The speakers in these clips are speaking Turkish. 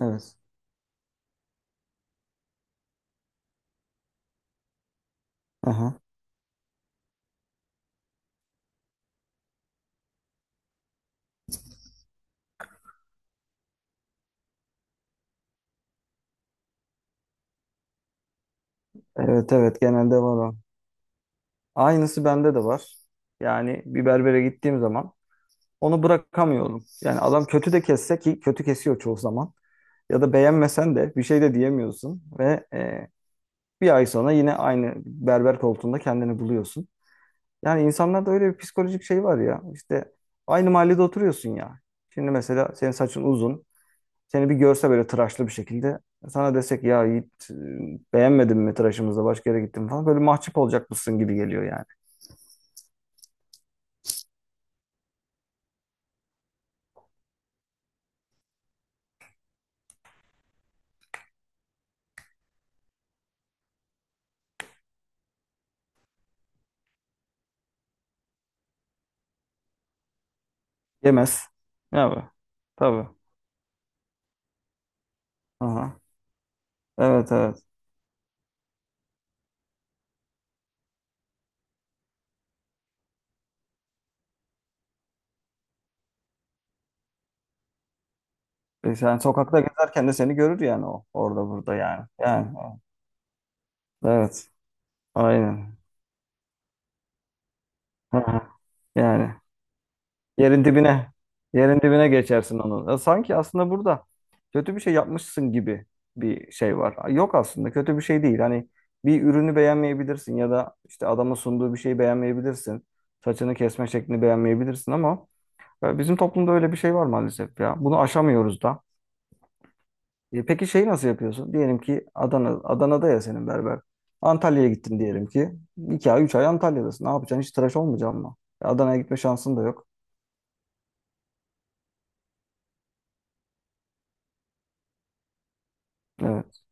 Evet. Aha. Evet evet genelde var o. Aynısı bende de var. Yani bir berbere gittiğim zaman onu bırakamıyorum. Yani adam kötü de kesse ki kötü kesiyor çoğu zaman. Ya da beğenmesen de bir şey de diyemiyorsun. Ve bir ay sonra yine aynı berber koltuğunda kendini buluyorsun. Yani insanlarda öyle bir psikolojik şey var ya. İşte aynı mahallede oturuyorsun ya. Şimdi mesela senin saçın uzun. Seni bir görse böyle tıraşlı bir şekilde sana desek ya Yiğit beğenmedin mi tıraşımızda başka yere gittin mi falan böyle mahcup olacak mısın gibi geliyor yani. Yemez. Evet. Tabii. Aha. Evet evet. E, sen sokakta gezerken de seni görür yani o. Orada burada yani. Yani. Evet. Aynen. Aha. Yani. Yerin dibine, yerin dibine geçersin onu. Ya sanki aslında burada kötü bir şey yapmışsın gibi bir şey var. Yok aslında kötü bir şey değil. Hani bir ürünü beğenmeyebilirsin ya da işte adamın sunduğu bir şeyi beğenmeyebilirsin. Saçını kesme şeklini beğenmeyebilirsin ama bizim toplumda öyle bir şey var maalesef ya. Bunu aşamıyoruz da. E, peki şeyi nasıl yapıyorsun? Diyelim ki Adana'da ya senin berber. Antalya'ya gittin diyelim ki. 2 ay 3 ay Antalya'dasın. Ne yapacaksın? Hiç tıraş olmayacaksın mı? E, Adana'ya gitme şansın da yok. Evet.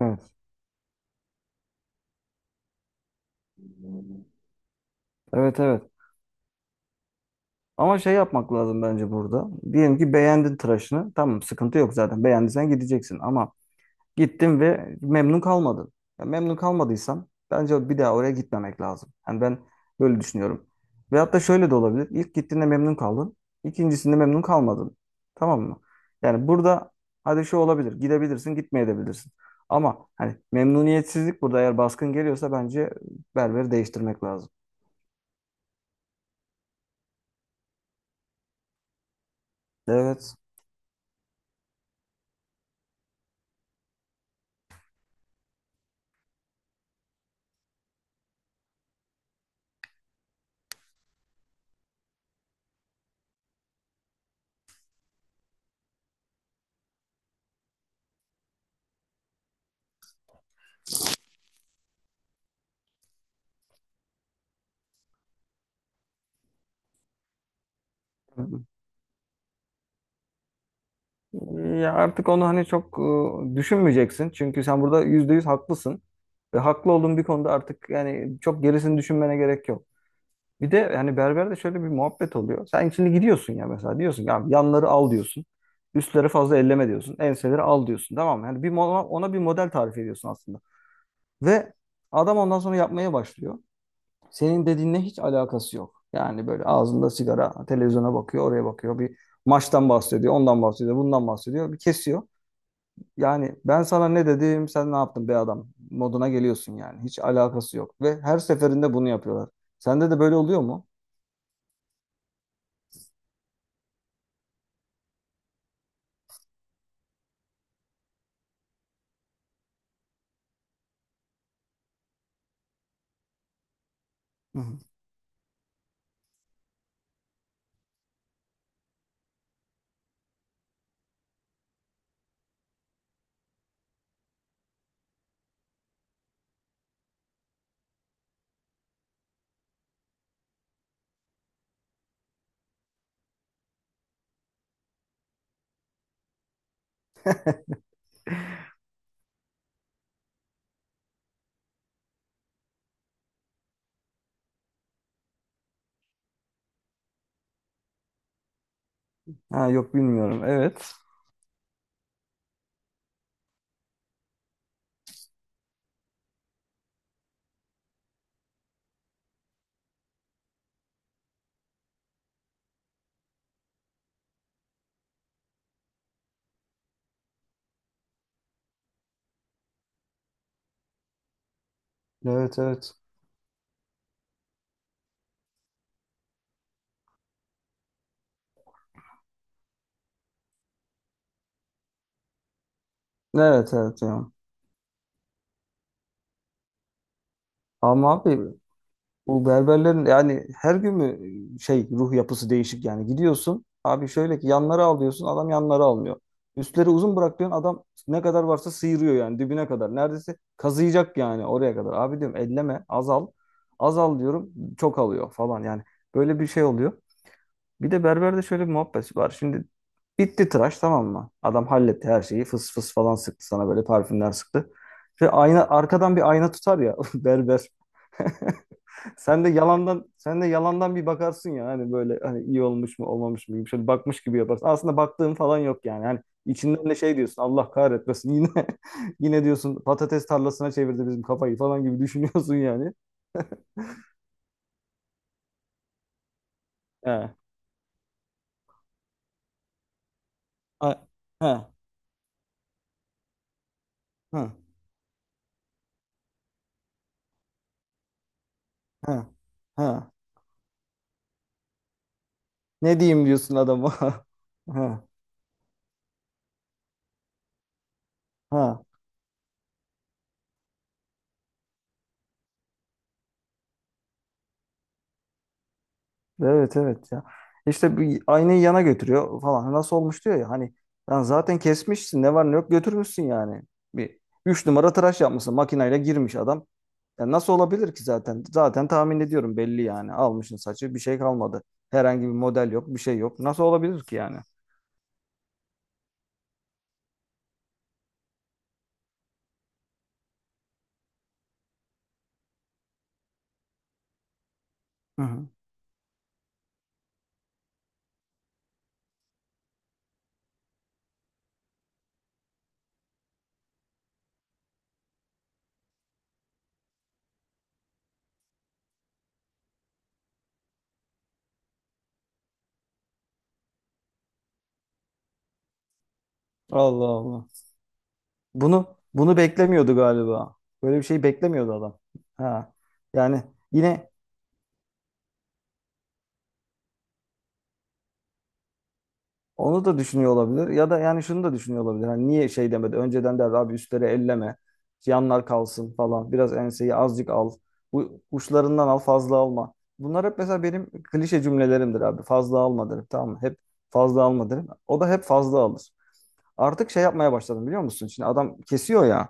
Evet. Evet evet. Ama şey yapmak lazım bence burada. Diyelim ki beğendin tıraşını. Tamam, sıkıntı yok zaten. Beğendiysen gideceksin. Ama gittin ve memnun kalmadın. Ya memnun kalmadıysan bence bir daha oraya gitmemek lazım. Yani ben böyle düşünüyorum. Ve hatta şöyle de olabilir. İlk gittiğinde memnun kaldın. İkincisinde memnun kalmadın. Tamam mı? Yani burada hadi şu olabilir. Gidebilirsin, gitmeyebilirsin. Ama hani memnuniyetsizlik burada eğer baskın geliyorsa bence berberi değiştirmek lazım. Evet. Ya artık onu hani çok düşünmeyeceksin. Çünkü sen burada %100 haklısın. Ve haklı olduğun bir konuda artık yani çok gerisini düşünmene gerek yok. Bir de yani berberde şöyle bir muhabbet oluyor. Sen şimdi gidiyorsun ya mesela diyorsun ki abi yanları al diyorsun. Üstleri fazla elleme diyorsun. Enseleri al diyorsun. Tamam mı? Yani ona bir model tarif ediyorsun aslında. Ve adam ondan sonra yapmaya başlıyor. Senin dediğinle hiç alakası yok. Yani böyle ağzında sigara, televizyona bakıyor, oraya bakıyor. Bir maçtan bahsediyor, ondan bahsediyor, bundan bahsediyor. Bir kesiyor. Yani ben sana ne dedim, sen ne yaptın be adam moduna geliyorsun yani. Hiç alakası yok ve her seferinde bunu yapıyorlar. Sende de böyle oluyor mu? Hı hı. Ha yok bilmiyorum. Evet. Evet evet. Evet evet ya. Ama abi bu berberlerin yani her gün mü şey ruh yapısı değişik yani gidiyorsun abi şöyle ki yanları al diyorsun adam yanları almıyor. Üstleri uzun bırak diyorsun adam ne kadar varsa sıyırıyor yani dibine kadar. Neredeyse kazıyacak yani oraya kadar. Abi diyorum elleme azal. Azal diyorum çok alıyor falan yani böyle bir şey oluyor. Bir de berberde şöyle bir muhabbet var. Şimdi bitti tıraş tamam mı? Adam halletti her şeyi fıs fıs falan sıktı sana böyle parfümler sıktı. Ve ayna arkadan bir ayna tutar ya berber. Sen de yalandan sen de yalandan bir bakarsın ya hani böyle hani iyi olmuş mu olmamış mı gibi şöyle bakmış gibi yaparsın. Aslında baktığın falan yok yani. Hani içinden de şey diyorsun Allah kahretmesin yine yine diyorsun patates tarlasına çevirdi bizim kafayı falan gibi düşünüyorsun yani. He. A- he. He. He. He. Ne diyeyim diyorsun adama. He. He. Evet evet ya. İşte bir aynayı yana götürüyor falan. Nasıl olmuş diyor ya hani lan zaten kesmişsin ne var ne yok götürmüşsün yani. Bir 3 numara tıraş yapmışsın makineyle girmiş adam. Ya nasıl olabilir ki zaten? Zaten tahmin ediyorum belli yani. Almışsın saçı bir şey kalmadı. Herhangi bir model yok bir şey yok. Nasıl olabilir ki yani? Hı hı. Allah Allah. Bunu beklemiyordu galiba. Böyle bir şey beklemiyordu adam. Ha. Yani yine onu da düşünüyor olabilir. Ya da yani şunu da düşünüyor olabilir. Hani niye şey demedi? Önceden derdi abi üstleri elleme. Yanlar kalsın falan. Biraz enseyi azıcık al. Bu uçlarından al fazla alma. Bunlar hep mesela benim klişe cümlelerimdir abi. Fazla alma derim tamam mı? Hep fazla alma derim. O da hep fazla alır. Artık şey yapmaya başladım biliyor musun? Şimdi adam kesiyor ya.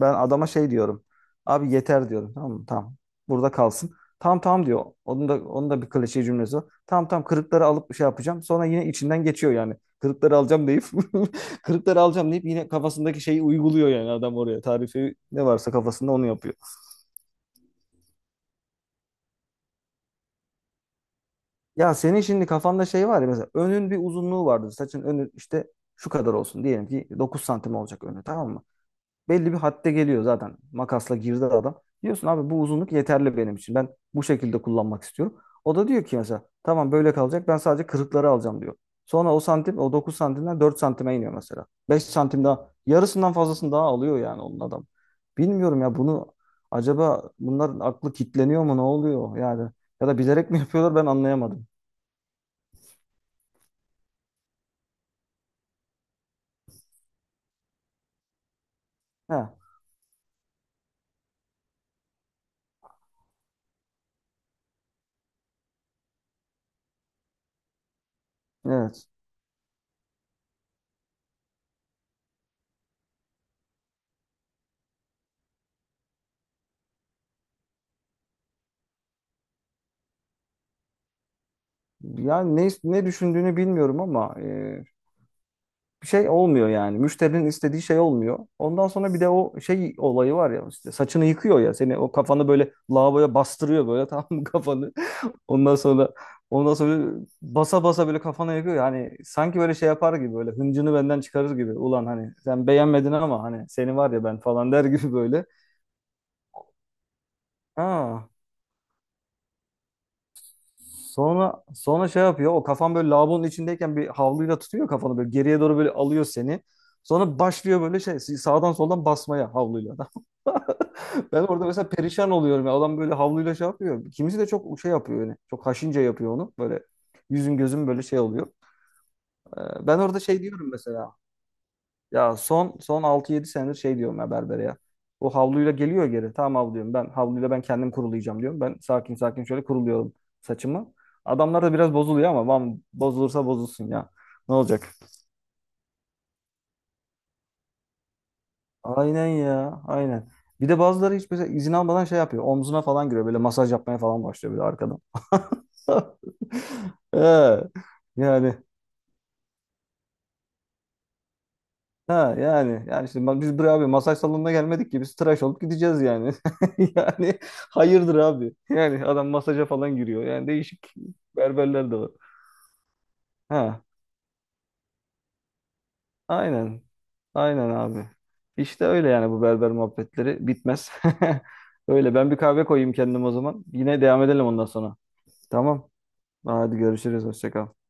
Ben adama şey diyorum. Abi yeter diyorum. Tamam mı? Tamam. Burada kalsın. Tamam tamam diyor. Onun da bir klişe cümlesi var. Tamam tamam kırıkları alıp şey yapacağım. Sonra yine içinden geçiyor yani. Kırıkları alacağım deyip kırıkları alacağım deyip yine kafasındaki şeyi uyguluyor yani adam oraya. Tarifi ne varsa kafasında onu yapıyor. Ya senin şimdi kafanda şey var ya mesela önün bir uzunluğu vardır. Saçın önü işte şu kadar olsun. Diyelim ki 9 santim olacak önü tamam mı? Belli bir hadde geliyor zaten. Makasla girdi adam. Diyorsun abi bu uzunluk yeterli benim için. Ben bu şekilde kullanmak istiyorum. O da diyor ki mesela tamam böyle kalacak. Ben sadece kırıkları alacağım diyor. Sonra o santim o 9 santimden 4 santime iniyor mesela. 5 santim daha yarısından fazlasını daha alıyor yani onun adam. Bilmiyorum ya bunu acaba bunların aklı kitleniyor mu ne oluyor yani ya da bilerek mi yapıyorlar ben anlayamadım. He, evet. Yani ne ne düşündüğünü bilmiyorum ama bir şey olmuyor yani. Müşterinin istediği şey olmuyor. Ondan sonra bir de o şey olayı var ya işte saçını yıkıyor ya seni o kafanı böyle lavaboya bastırıyor böyle tamam mı kafanı. Ondan sonra ondan sonra basa basa böyle kafana yakıyor yani sanki böyle şey yapar gibi böyle hıncını benden çıkarır gibi. Ulan hani sen beğenmedin ama hani seni var ya ben falan der gibi böyle. Ha. Sonra şey yapıyor o kafan böyle lavabonun içindeyken bir havluyla tutuyor kafanı böyle geriye doğru böyle alıyor seni. Sonra başlıyor böyle şey sağdan soldan basmaya havluyla. Ben orada mesela perişan oluyorum. Ya. Adam böyle havluyla şey yapıyor. Kimisi de çok şey yapıyor yani. Çok haşince yapıyor onu. Böyle yüzüm gözüm böyle şey oluyor. Ben orada şey diyorum mesela. Ya son son 6-7 senedir şey diyorum ya berbere ya. O havluyla geliyor geri. Tamam havluyum. Ben havluyla ben kendim kurulayacağım diyorum. Ben sakin sakin şöyle kuruluyorum saçımı. Adamlar da biraz bozuluyor ama "Vam, bozulursa bozulsun ya. Ne olacak? Aynen ya. Aynen. Bir de bazıları hiç mesela izin almadan şey yapıyor. Omzuna falan giriyor. Böyle masaj yapmaya falan başlıyor böyle arkadan. Ha, yani yani işte bak biz buraya abi masaj salonuna gelmedik ki biz tıraş olup gideceğiz yani. Yani hayırdır abi. Yani adam masaja falan giriyor. Yani değişik berberler de var. Ha aynen. Aynen abi. İşte öyle yani bu berber muhabbetleri bitmez. Öyle ben bir kahve koyayım kendim o zaman. Yine devam edelim ondan sonra. Tamam. Hadi görüşürüz. Hoşça kal.